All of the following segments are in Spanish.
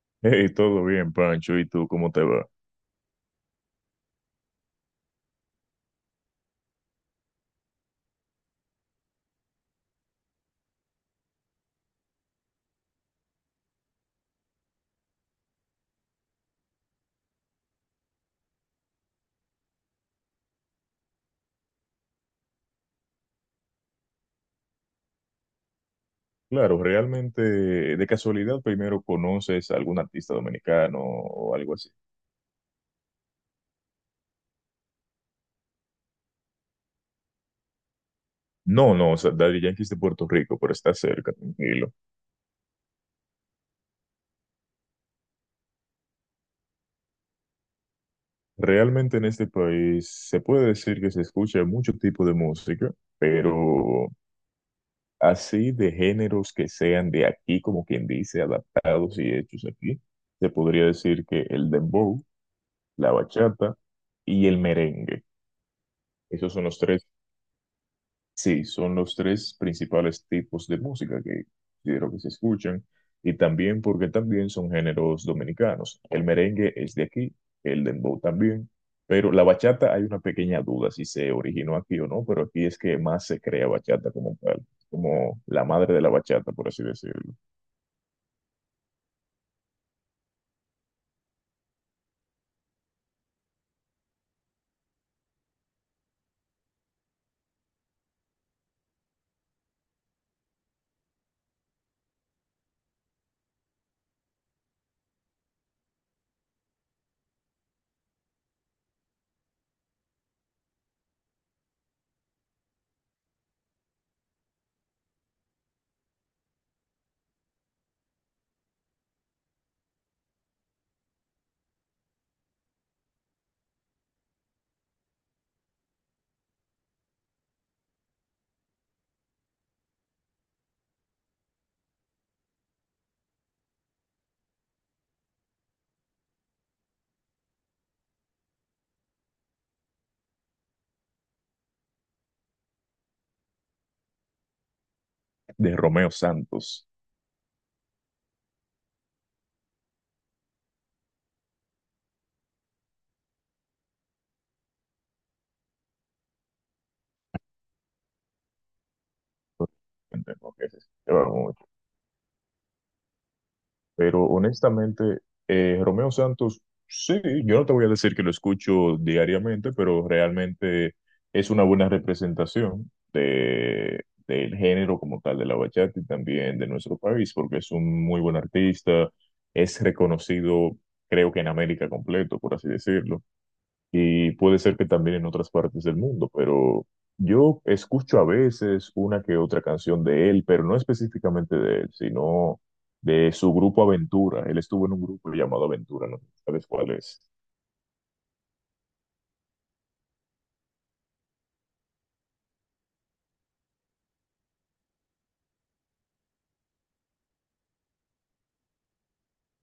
Hey, todo bien, Pancho. ¿Y tú cómo te va? Claro, realmente, de casualidad, primero conoces a algún artista dominicano o algo así. No, no, o sea, Daddy Yankee es de Puerto Rico, pero está cerca, tranquilo. Realmente en este país se puede decir que se escucha mucho tipo de música, pero así de géneros que sean de aquí, como quien dice, adaptados y hechos aquí, se podría decir que el dembow, la bachata y el merengue. Esos son los tres. Sí, son los tres principales tipos de música que considero que se escuchan, y también porque también son géneros dominicanos. El merengue es de aquí, el dembow también, pero la bachata hay una pequeña duda si se originó aquí o no, pero aquí es que más se crea bachata como tal, como la madre de la bachata, por así decirlo, de Romeo Santos. Entendemos que es, pero honestamente, Romeo Santos, sí, yo no te voy a decir que lo escucho diariamente, pero realmente es una buena representación de, del género como tal de la bachata y también de nuestro país, porque es un muy buen artista, es reconocido, creo que en América completo, por así decirlo, y puede ser que también en otras partes del mundo, pero yo escucho a veces una que otra canción de él, pero no específicamente de él, sino de su grupo Aventura. Él estuvo en un grupo llamado Aventura, no sé si sabes cuál es.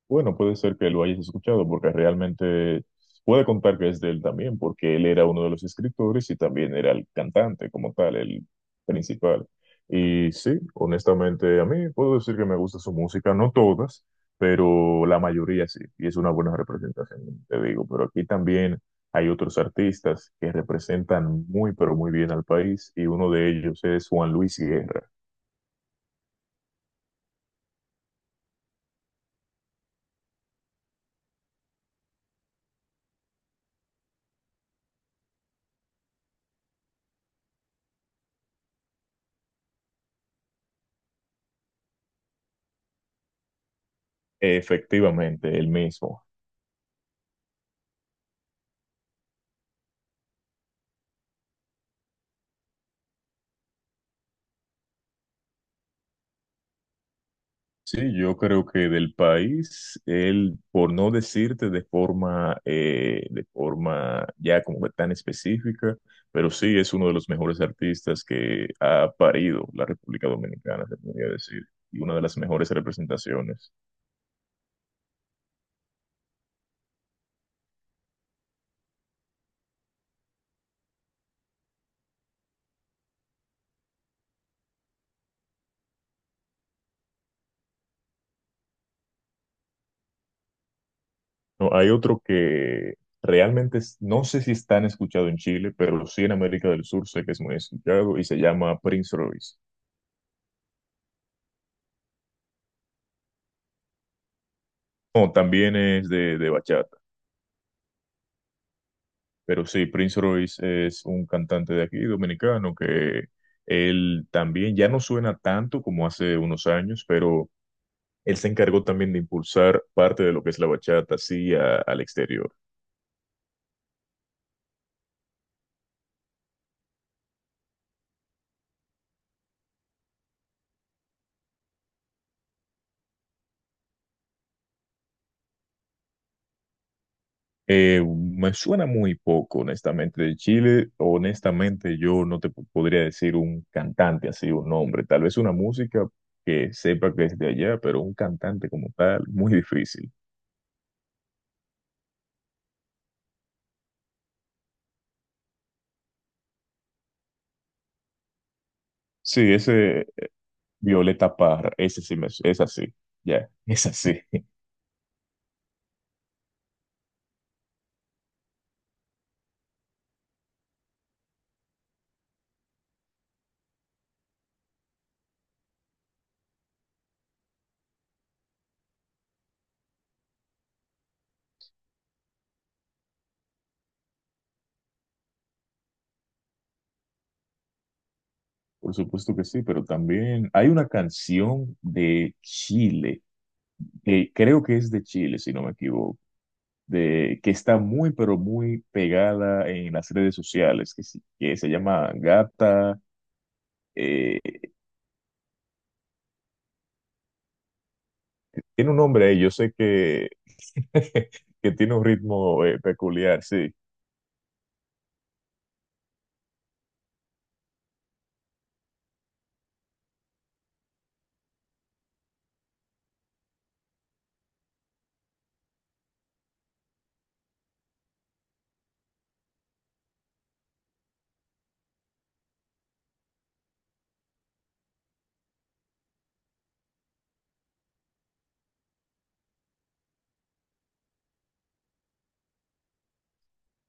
Bueno, puede ser que lo hayas escuchado porque realmente puede contar que es de él también, porque él era uno de los escritores y también era el cantante como tal, el principal. Y sí, honestamente a mí puedo decir que me gusta su música, no todas, pero la mayoría sí, y es una buena representación, te digo, pero aquí también hay otros artistas que representan muy, pero muy bien al país, y uno de ellos es Juan Luis Guerra. Efectivamente, el mismo. Sí, yo creo que del país, él, por no decirte de forma ya como que tan específica, pero sí es uno de los mejores artistas que ha parido la República Dominicana, se podría decir, y una de las mejores representaciones. No, hay otro que no sé si es tan escuchado en Chile, pero sí en América del Sur sé que es muy escuchado y se llama Prince Royce. No, también es de bachata. Pero sí, Prince Royce es un cantante de aquí, dominicano, que él también ya no suena tanto como hace unos años, pero él se encargó también de impulsar parte de lo que es la bachata, sí, al exterior. Me suena muy poco, honestamente, de Chile. Honestamente, yo no podría decir un cantante así, un nombre. Tal vez una música que sepa que es de allá, pero un cantante como tal, muy difícil. Sí, ese, Violeta Parra, ese sí me, es así, ya, es así. Por supuesto que sí, pero también hay una canción de Chile, que creo que es de Chile, si no me equivoco, de, que está muy, pero muy pegada en las redes sociales, que, que se llama Gata, eh, tiene un nombre, yo sé que, que tiene un ritmo peculiar, sí,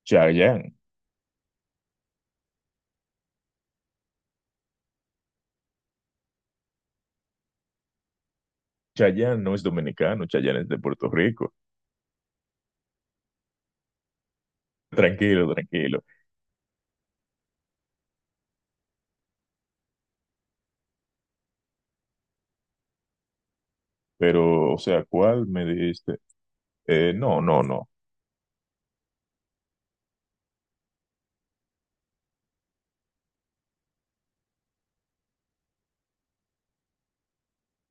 Chayanne. Chayanne no es dominicano, Chayanne es de Puerto Rico. Tranquilo, tranquilo. Pero, o sea, ¿cuál me dijiste? No, no, no.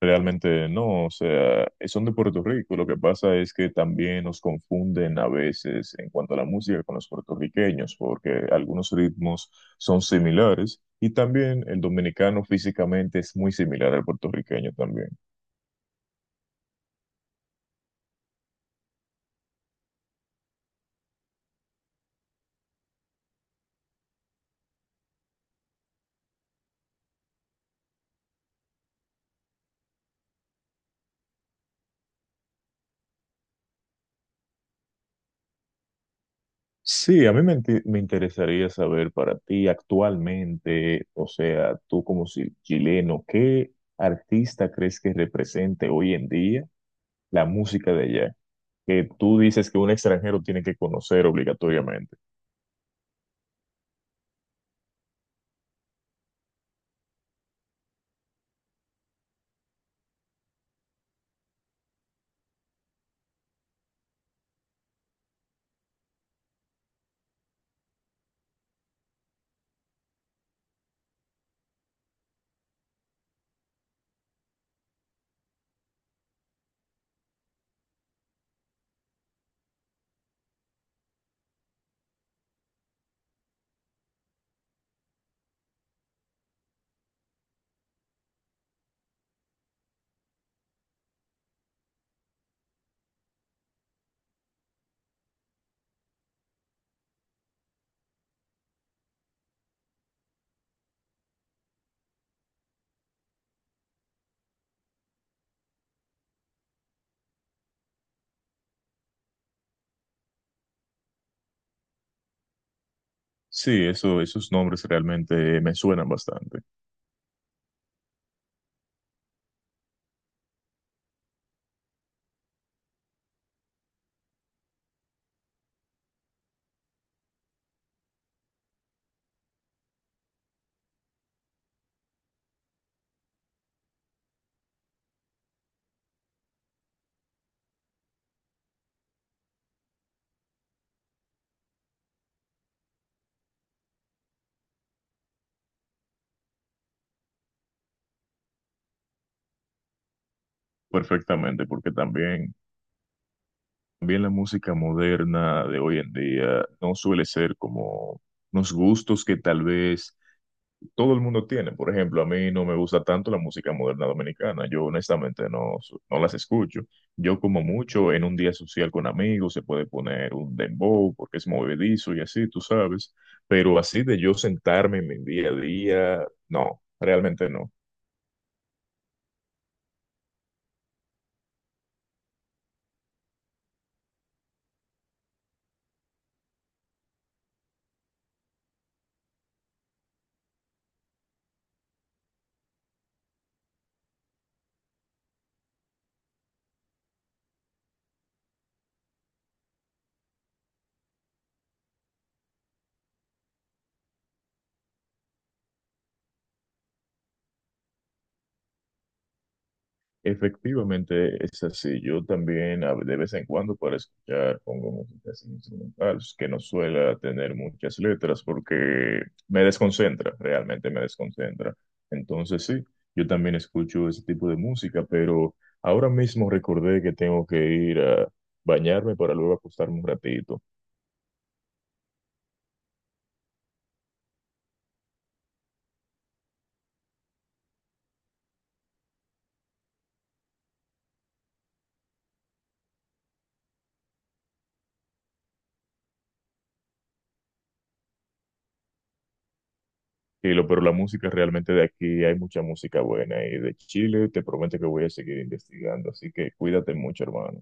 Realmente no. O sea, son de Puerto Rico. Lo que pasa es que también nos confunden a veces en cuanto a la música con los puertorriqueños, porque algunos ritmos son similares, y también el dominicano físicamente es muy similar al puertorriqueño también. Sí, a mí me me interesaría saber para ti actualmente, o sea, tú como chileno, ¿qué artista crees que represente hoy en día la música de allá, que tú dices que un extranjero tiene que conocer obligatoriamente? Sí, eso, esos nombres realmente me suenan bastante, perfectamente, porque también, también la música moderna de hoy en día no suele ser como unos gustos que tal vez todo el mundo tiene. Por ejemplo, a mí no me gusta tanto la música moderna dominicana. Yo honestamente no, no las escucho. Yo como mucho en un día social con amigos se puede poner un dembow porque es movedizo y así, tú sabes. Pero así de yo sentarme en mi día a día, no, realmente no. Efectivamente, es así. Yo también de vez en cuando para escuchar pongo música así instrumental, que no suele tener muchas letras porque me desconcentra, realmente me desconcentra. Entonces sí, yo también escucho ese tipo de música, pero ahora mismo recordé que tengo que ir a bañarme para luego acostarme un ratito. Y lo, pero la música realmente de aquí hay mucha música buena, y de Chile te prometo que voy a seguir investigando, así que cuídate mucho, hermano.